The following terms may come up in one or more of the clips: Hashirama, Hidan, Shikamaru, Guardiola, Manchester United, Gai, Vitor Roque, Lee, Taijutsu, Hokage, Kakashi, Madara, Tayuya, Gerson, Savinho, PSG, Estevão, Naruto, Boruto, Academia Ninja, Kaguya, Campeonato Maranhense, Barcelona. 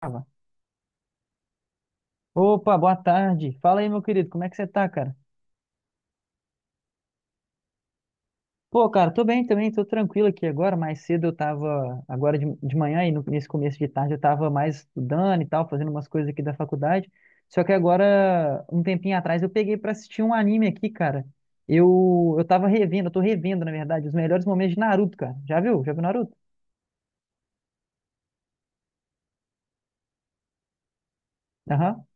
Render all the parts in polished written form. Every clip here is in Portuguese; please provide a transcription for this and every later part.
Tava. Opa, boa tarde. Fala aí, meu querido, como é que você tá, cara? Pô, cara, tô bem também, tô tranquilo aqui agora. Mais cedo eu tava, agora de manhã e nesse começo de tarde eu tava mais estudando e tal, fazendo umas coisas aqui da faculdade. Só que agora, um tempinho atrás, eu peguei pra assistir um anime aqui, cara. Eu tava revendo, eu tô revendo, na verdade, os melhores momentos de Naruto, cara. Já viu? Já viu Naruto? Aham.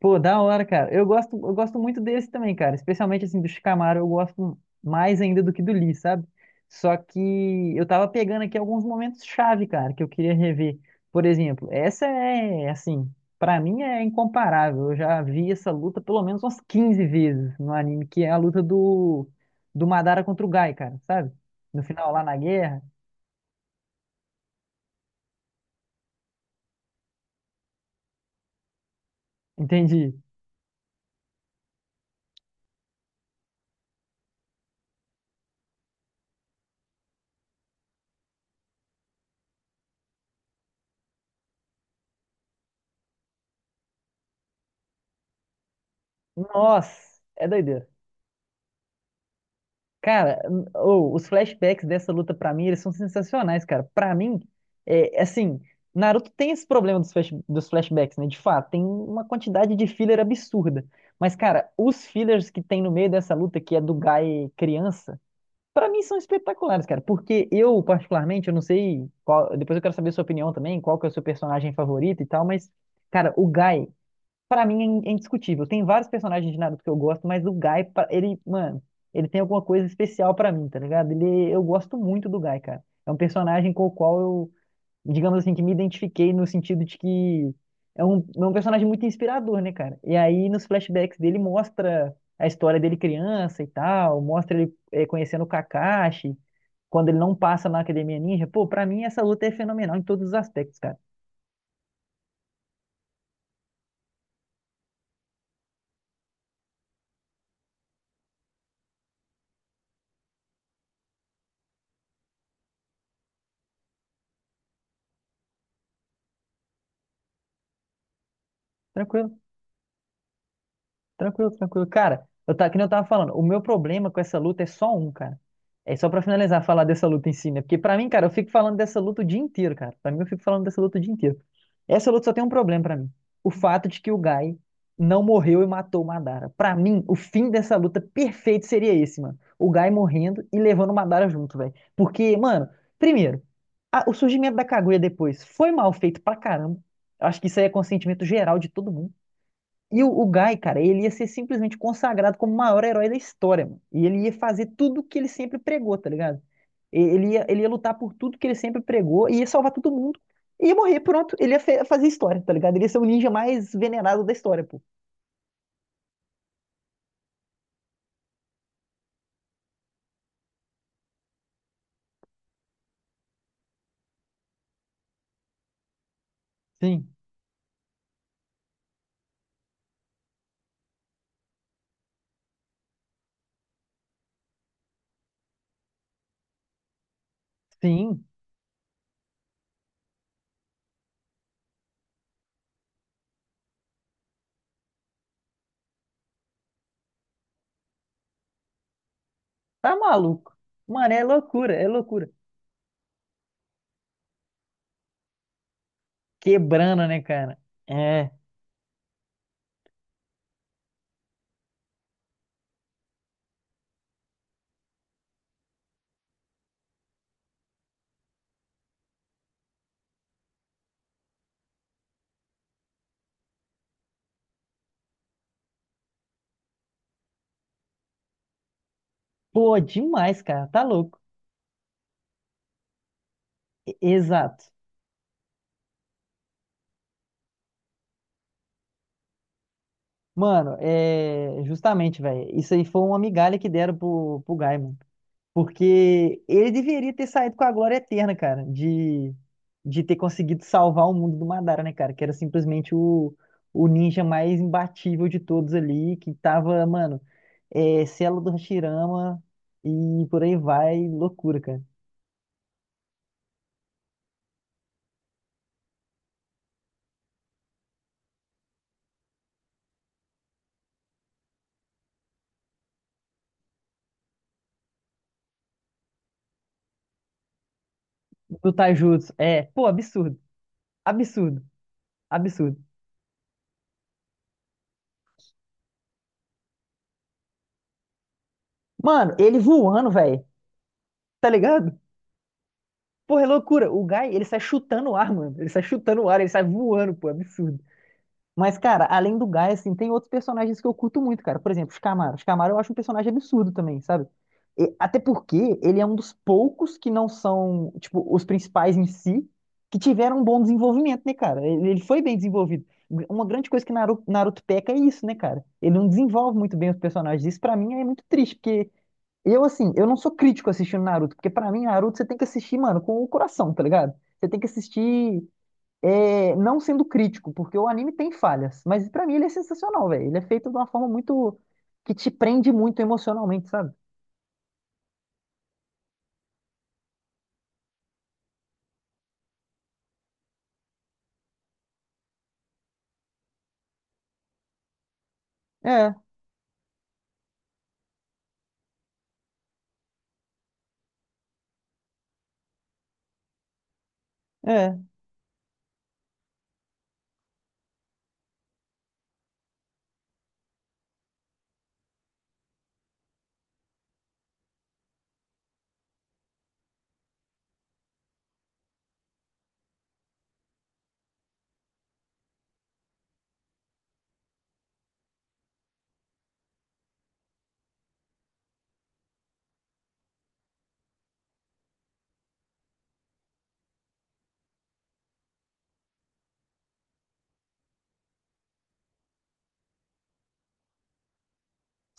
Pô, da hora, cara. Eu gosto muito desse também, cara. Especialmente assim do Shikamaru, eu gosto mais ainda do que do Lee, sabe? Só que eu tava pegando aqui alguns momentos chave, cara, que eu queria rever. Por exemplo, essa é assim, pra mim é incomparável. Eu já vi essa luta pelo menos umas 15 vezes no anime, que é a luta do Madara contra o Gai, cara, sabe? No final lá na guerra. Entendi. Nossa, é doideira. Cara, ô, os flashbacks dessa luta pra mim, eles são sensacionais, cara. Pra mim, é assim, Naruto tem esse problema dos, dos flashbacks, né? De fato, tem uma quantidade de filler absurda. Mas, cara, os fillers que tem no meio dessa luta, que é do Gai criança, pra mim são espetaculares, cara. Porque eu, particularmente, eu não sei qual, depois eu quero saber a sua opinião também, qual que é o seu personagem favorito e tal, mas, cara, o Gai pra mim é indiscutível. Tem vários personagens de Naruto que eu gosto, mas o Gai, ele, mano, ele tem alguma coisa especial pra mim, tá ligado? Ele, eu gosto muito do Gai, cara. É um personagem com o qual eu, digamos assim, que me identifiquei no sentido de que é um personagem muito inspirador, né, cara? E aí nos flashbacks dele mostra a história dele criança e tal, mostra ele conhecendo o Kakashi, quando ele não passa na Academia Ninja. Pô, pra mim essa luta é fenomenal em todos os aspectos, cara. Tranquilo. Tranquilo, tranquilo. Cara, eu tá, que nem eu tava falando, o meu problema com essa luta é só um, cara. É só pra finalizar, falar dessa luta em si, né? Porque pra mim, cara, eu fico falando dessa luta o dia inteiro, cara. Pra mim, eu fico falando dessa luta o dia inteiro. Essa luta só tem um problema pra mim. O fato de que o Gai não morreu e matou o Madara. Pra mim, o fim dessa luta perfeito seria esse, mano. O Gai morrendo e levando o Madara junto, velho. Porque, mano, primeiro, o surgimento da Kaguya depois foi mal feito pra caramba. Eu acho que isso aí é consentimento geral de todo mundo. E o Guy, cara, ele ia ser simplesmente consagrado como o maior herói da história, mano. E ele ia fazer tudo o que ele sempre pregou, tá ligado? Ele ia lutar por tudo que ele sempre pregou, e ia salvar todo mundo, e ia morrer, pronto. Ele ia fazer história, tá ligado? Ele ia ser o ninja mais venerado da história, pô. Sim, sim. Tá maluco. Mano, é loucura, é loucura. Quebrando, né, cara? É. Pô, demais, cara. Tá louco. Exato. Mano, é justamente, velho. Isso aí foi uma migalha que deram pro, pro Guy, mano. Porque ele deveria ter saído com a glória eterna, cara, de ter conseguido salvar o mundo do Madara, né, cara? Que era simplesmente o ninja mais imbatível de todos ali, que tava, mano, é, selo do Hashirama e por aí vai, loucura, cara. Do Taijutsu, é, pô, absurdo, absurdo, absurdo. Mano, ele voando, velho, tá ligado? Porra, é loucura. O Guy, ele sai chutando o ar, mano. Ele sai chutando o ar, ele sai voando, pô, absurdo. Mas, cara, além do Guy, assim, tem outros personagens que eu curto muito, cara. Por exemplo, Shikamaru. Shikamaru eu acho um personagem absurdo também, sabe? Até porque ele é um dos poucos que não são, tipo, os principais em si, que tiveram um bom desenvolvimento, né, cara? Ele foi bem desenvolvido. Uma grande coisa que Naruto peca é isso, né, cara? Ele não desenvolve muito bem os personagens. Isso pra mim é muito triste, porque eu, assim, eu não sou crítico assistindo Naruto, porque pra mim, Naruto você tem que assistir, mano, com o coração, tá ligado? Você tem que assistir não sendo crítico, porque o anime tem falhas, mas pra mim ele é sensacional, velho. Ele é feito de uma forma muito que te prende muito emocionalmente, sabe? É, é.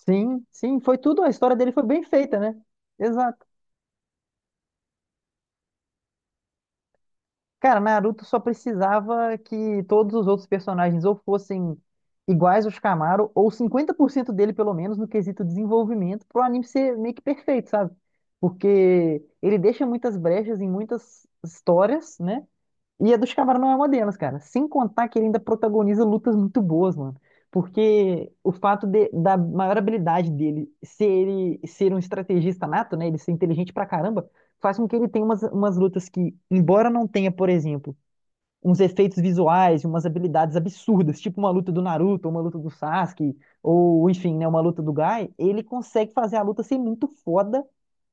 Sim, sim, foi tudo, a história dele foi bem feita, né? Exato. Cara, Naruto só precisava que todos os outros personagens ou fossem iguais aos Kamaru, ou 50% dele, pelo menos, no quesito desenvolvimento, pro anime ser meio que perfeito, sabe? Porque ele deixa muitas brechas em muitas histórias, né? E a dos Cavara não é uma delas, cara. Sem contar que ele ainda protagoniza lutas muito boas, mano. Porque o fato da maior habilidade dele ser ele ser um estrategista nato, né? Ele ser inteligente pra caramba, faz com que ele tenha umas lutas que, embora não tenha, por exemplo, uns efeitos visuais e umas habilidades absurdas, tipo uma luta do Naruto, ou uma luta do Sasuke, ou enfim, né, uma luta do Guy, ele consegue fazer a luta ser muito foda,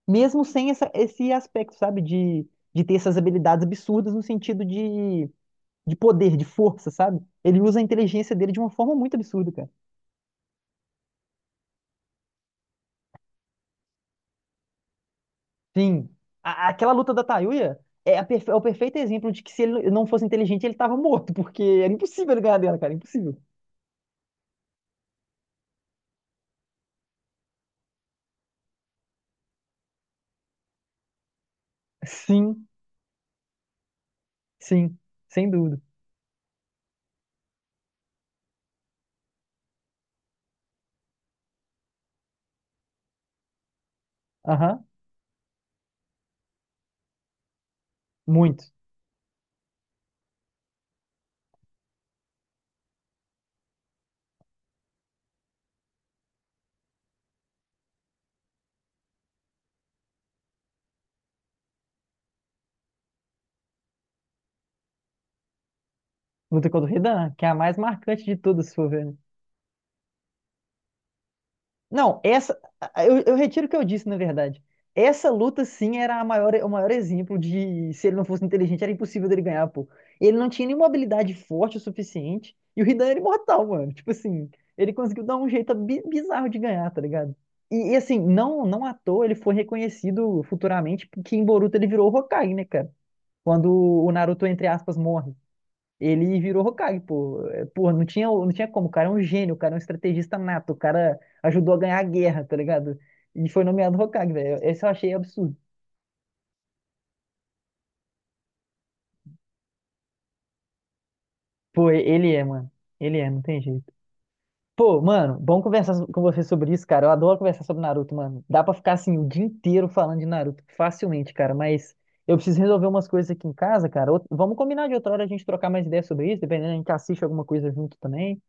mesmo sem esse aspecto, sabe? De ter essas habilidades absurdas no sentido de poder, de força, sabe? Ele usa a inteligência dele de uma forma muito absurda, cara. Sim. Aquela luta da Tayuya é, a é o perfeito exemplo de que se ele não fosse inteligente, ele tava morto, porque era impossível ele ganhar dela, cara, impossível. Sim, sim, sem dúvida. Aham, muito. Luta contra o Hidan, que é a mais marcante de todas, se for ver, né? Não, essa. Eu retiro o que eu disse, na verdade. Essa luta, sim, era a maior, o maior exemplo de se ele não fosse inteligente, era impossível dele ganhar, pô. Ele não tinha nenhuma habilidade forte o suficiente. E o Hidan era imortal, mano. Tipo assim, ele conseguiu dar um jeito bizarro de ganhar, tá ligado? Assim, não, não à toa ele foi reconhecido futuramente porque em Boruto ele virou o Hokage, né, cara? Quando o Naruto, entre aspas, morre. Ele virou Hokage, pô. É, porra, não tinha, não tinha como. O cara é um gênio, o cara é um estrategista nato, o cara ajudou a ganhar a guerra, tá ligado? E foi nomeado Hokage, velho. Esse eu achei absurdo. Pô, ele é, mano. Ele é, não tem jeito. Pô, mano, bom conversar com você sobre isso, cara. Eu adoro conversar sobre Naruto, mano. Dá pra ficar assim o dia inteiro falando de Naruto facilmente, cara. Mas eu preciso resolver umas coisas aqui em casa, cara. Vamos combinar de outra hora a gente trocar mais ideias sobre isso, dependendo, a gente assiste alguma coisa junto também.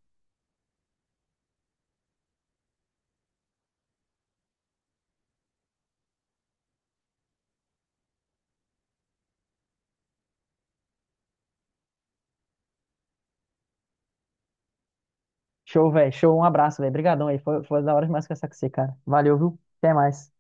Show, velho. Show. Um abraço, velho. Obrigadão aí. Foi, foi da hora demais conversar com você, cara. Valeu, viu? Até mais.